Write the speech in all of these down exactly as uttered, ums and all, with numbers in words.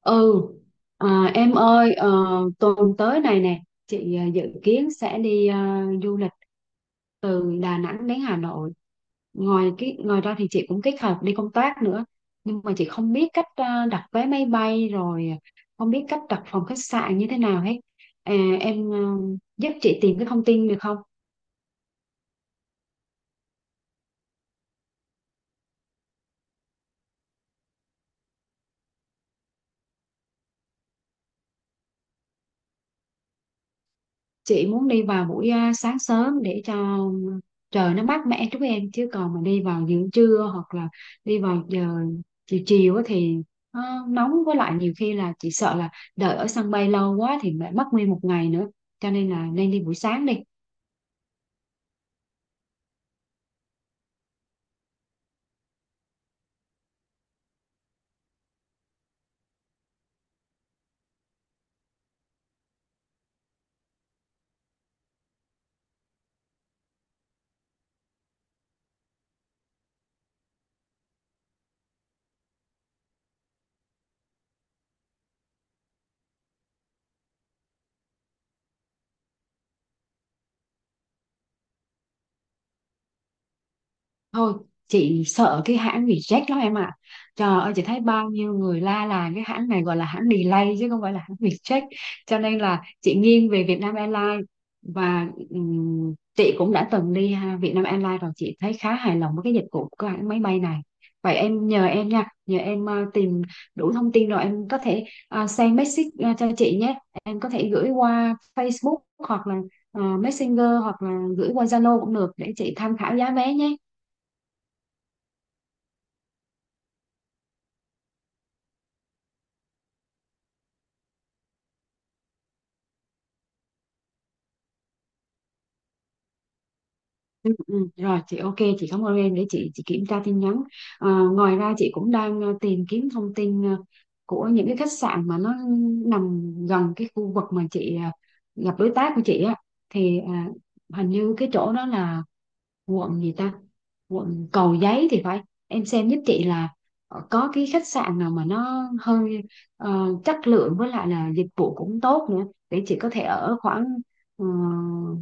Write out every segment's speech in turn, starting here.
Ừ, à, em ơi, ờ, tuần tới này nè, chị ờ, dự kiến sẽ đi ờ, du lịch từ Đà Nẵng đến Hà Nội. Ngoài cái ngoài ra thì chị cũng kết hợp đi công tác nữa, nhưng mà chị không biết cách ờ, đặt vé máy bay rồi ờ, không biết cách đặt phòng khách sạn như thế nào hết. À, em ờ, giúp chị tìm cái thông tin được không? Chị muốn đi vào buổi à, sáng sớm để cho trời nó mát mẻ chút em, chứ còn mà đi vào giữa trưa hoặc là đi vào giờ chiều chiều á thì nó nóng, với lại nhiều khi là chị sợ là đợi ở sân bay lâu quá thì lại mất nguyên một ngày nữa, cho nên là nên đi buổi sáng đi. Thôi, chị sợ cái hãng reject lắm em ạ. Trời ơi, chị thấy bao nhiêu người la là cái hãng này gọi là hãng delay chứ không phải là hãng reject. Cho nên là chị nghiêng về Vietnam Airlines. Và ừm, chị cũng đã từng đi ha, Vietnam Airlines rồi, chị thấy khá hài lòng với cái dịch vụ của hãng máy bay này. Vậy em nhờ em nha, nhờ em ờ, tìm đủ thông tin rồi em có thể ờ, send message ờ, cho chị nhé. Em có thể gửi qua Facebook hoặc là ờ, Messenger hoặc là gửi qua Zalo cũng được để chị tham khảo giá vé nhé. Ừ, ừ, rồi chị ok, chị cảm ơn em, để chị chị kiểm tra tin nhắn. Ờ, ngoài ra chị cũng đang ờ, tìm kiếm thông tin ờ, của những cái khách sạn mà nó nằm gần cái khu vực mà chị ờ, gặp đối tác của chị á, thì à, hình như cái chỗ đó là quận gì ta, quận Cầu Giấy thì phải. Em xem giúp chị là ờ, có cái khách sạn nào mà nó hơi ờ, chất lượng với lại là dịch vụ cũng tốt nữa để chị có thể ở khoảng uh,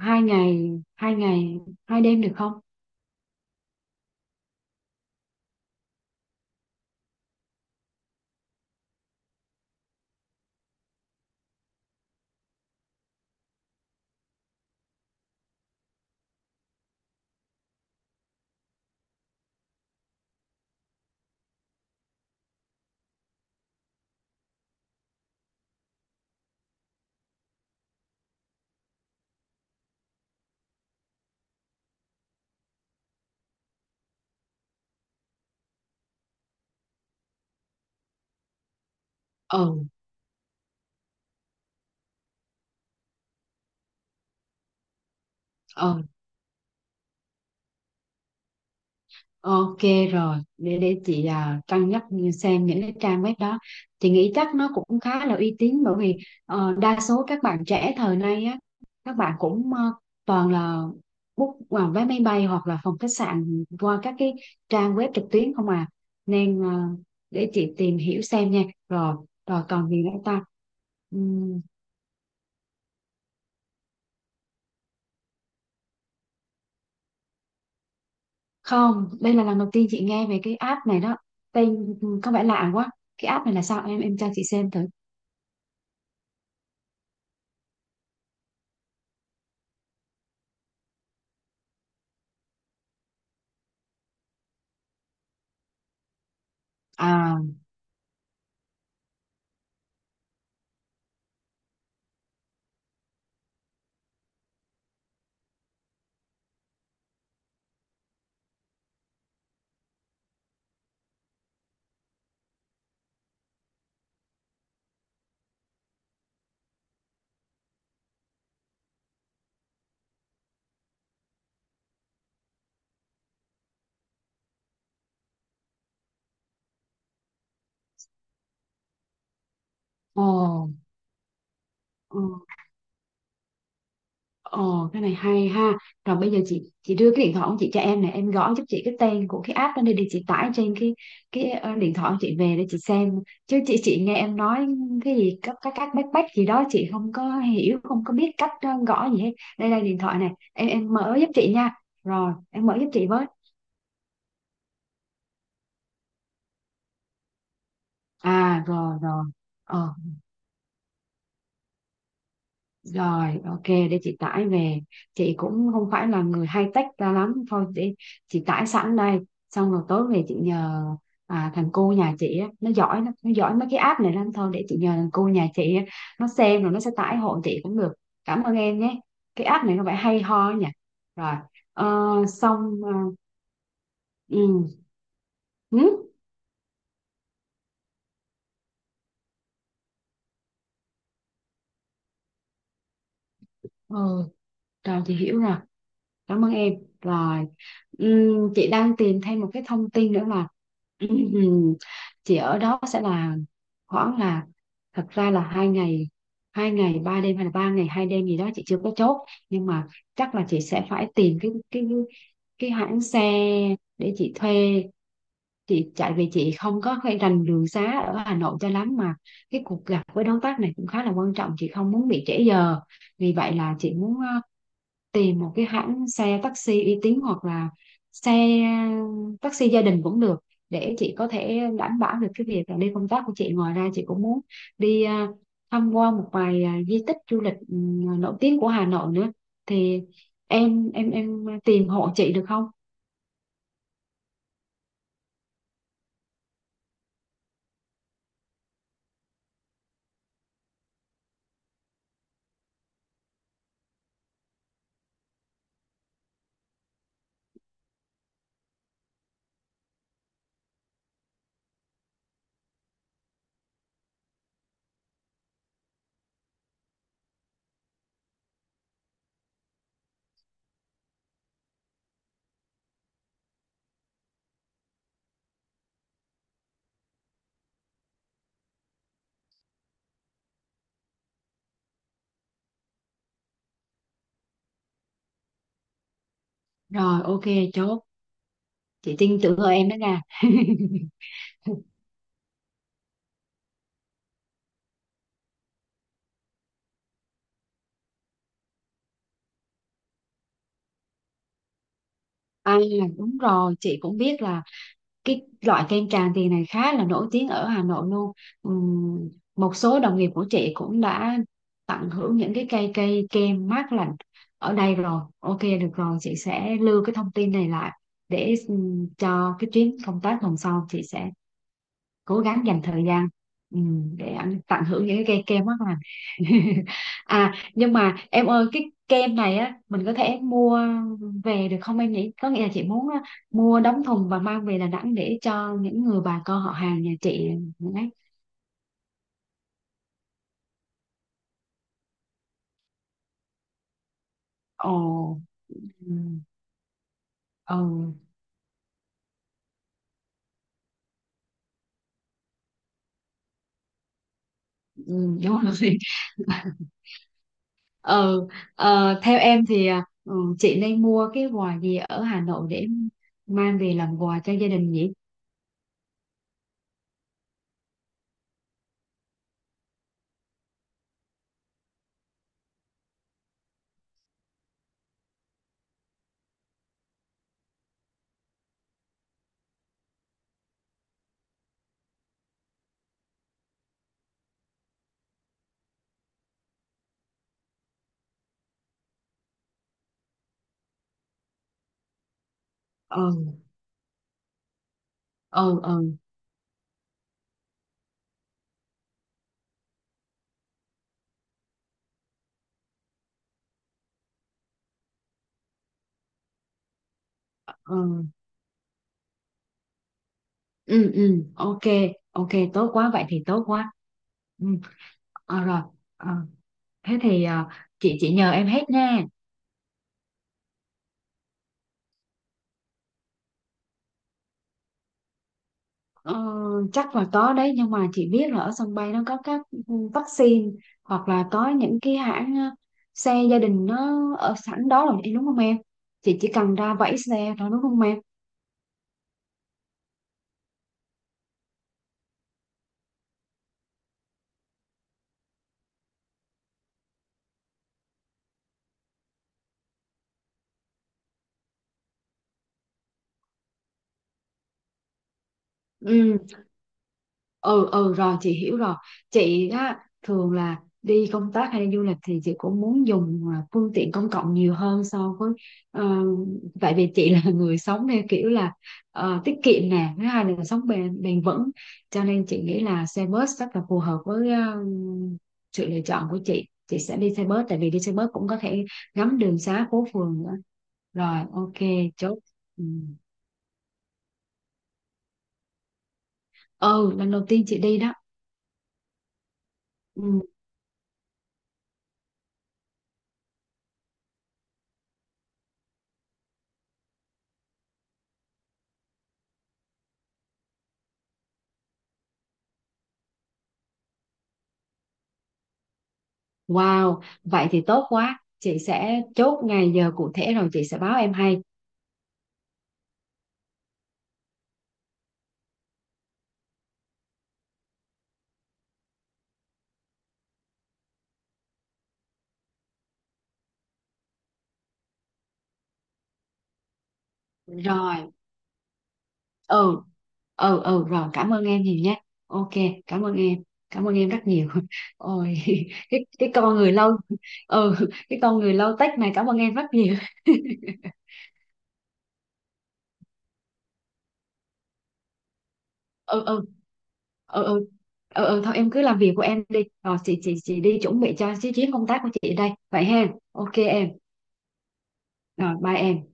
hai ngày hai ngày hai đêm được không? Ừ, ừ, ok rồi, để để chị à, cân nhắc xem những cái trang web đó. Chị nghĩ chắc nó cũng khá là uy tín, bởi vì ờ, đa số các bạn trẻ thời nay á, các bạn cũng ờ, toàn là book vào vé máy bay hoặc là phòng khách sạn qua các cái trang web trực tuyến không à. Nên ờ, để chị tìm hiểu xem nha. Rồi, rồi còn gì nữa ta? Ừm, Không, đây là lần đầu tiên chị nghe về cái app này đó. Tên có vẻ lạ quá. Cái app này là sao, em em cho chị xem thử. À. Ồ, ồ, ồ, cái này hay ha. Rồi bây giờ chị chị đưa cái điện thoại của chị cho em này, em gõ giúp chị cái tên của cái app đó đi để chị tải trên cái cái ờ, điện thoại của chị về để chị xem. Chứ chị chị nghe em nói cái gì các các các bách bách gì đó chị không có hiểu, không có biết cách ờ, gõ gì hết. Đây đây điện thoại này, em em mở giúp chị nha. Rồi, em mở giúp chị với. À rồi rồi. Ờ Rồi, ok, để chị tải về. Chị cũng không phải là người hay tách ra lắm. Thôi, để chị tải sẵn đây. Xong rồi tối về chị nhờ à, thằng cu nhà chị á, nó giỏi lắm, nó giỏi mấy cái app này lắm. Thôi, để chị nhờ thằng cu nhà chị á, nó xem rồi nó sẽ tải hộ chị cũng được. Cảm ơn em nhé. Cái app này nó phải hay ho ấy nhỉ. Rồi, ờ, xong, ờ, ừ, ừ, ừ, rồi chị hiểu rồi. Cảm ơn em. Rồi, Ừm, chị đang tìm thêm một cái thông tin nữa là ừm, chị ở đó sẽ là khoảng là thật ra là hai ngày hai ngày ba đêm hay là ba ngày hai đêm gì đó chị chưa có chốt, nhưng mà chắc là chị sẽ phải tìm cái cái cái hãng xe để chị thuê chị chạy vì chị không có hay rành đường xá ở Hà Nội cho lắm, mà cái cuộc gặp với đối tác này cũng khá là quan trọng, chị không muốn bị trễ giờ. Vì vậy là chị muốn ờ, tìm một cái hãng xe taxi uy tín hoặc là xe taxi gia đình cũng được để chị có thể đảm bảo được cái việc là đi công tác của chị. Ngoài ra chị cũng muốn đi à, tham quan một vài à, di tích du lịch ừ, nổi tiếng của Hà Nội nữa thì em em em tìm hộ chị được không? Rồi, ok, chốt. Chị tin tưởng ở em đó nha. À, đúng rồi, chị cũng biết là cái loại kem Tràng Tiền này khá là nổi tiếng ở Hà Nội luôn. Ừm, Một số đồng nghiệp của chị cũng đã tận hưởng những cái cây cây kem mát lạnh ở đây rồi. Ok, được rồi, chị sẽ lưu cái thông tin này lại để ừm, cho cái chuyến công tác tuần sau chị sẽ cố gắng dành thời gian ừ, để anh tận hưởng những cái cây kem mát lành. À, nhưng mà em ơi, cái kem này á mình có thể mua về được không em nhỉ? Có nghĩa là chị muốn á, mua đóng thùng và mang về Đà Nẵng để cho những người bà con họ hàng nhà chị ấy. Ồ, ừ, ừ, ừ, đúng rồi. Ừ, ờ, theo em thì à, ừ, chị nên mua cái quà gì ở Hà Nội để mang về làm quà cho gia đình nhỉ? Ừ, ừ, ừ, ừ, ừ, ừ, ok, ok, tốt quá, vậy thì tốt quá. Ừ. Ờ, rồi. Ờ, thế thì ờ, chị chị nhờ em hết nha. Ờ, Chắc là có đấy, nhưng mà chị biết là ở sân bay nó có các ừ, vaccine hoặc là có những cái hãng ờ, xe gia đình nó ở sẵn đó rồi đúng không em? Chị chỉ cần ra vẫy xe thôi đúng không em? Ừ, ừ, ừ, rồi chị hiểu rồi. Chị á thường là đi công tác hay đi du lịch thì chị cũng muốn dùng à, phương tiện công cộng nhiều hơn so với ờ, tại vì chị là người sống theo kiểu là ờ, tiết kiệm nè, thứ hai là sống bền bền vững, cho nên chị nghĩ là xe bus rất là phù hợp với ờ, sự lựa chọn của chị. Chị sẽ đi xe bus, tại vì đi xe bus cũng có thể ngắm đường xá phố phường nữa. Rồi, ok, chốt. Ừ. Ừ, lần đầu tiên chị đi đó. Ừ. Wow, vậy thì tốt quá. Chị sẽ chốt ngày giờ cụ thể rồi chị sẽ báo em hay. Rồi, ừ, ừ, ừ, rồi cảm ơn em nhiều nhé. Ok, cảm ơn em, cảm ơn em rất nhiều. Ôi, cái, cái con người lâu, ừ, cái con người lâu tách này cảm ơn em rất nhiều. Ừ, ừ, ừ, ừ, ừ, ừ, thôi em cứ làm việc của em đi. Rồi chị, chị, chị đi chuẩn bị cho cái chuyến công tác của chị đây. Vậy ha, ok em, rồi bye em.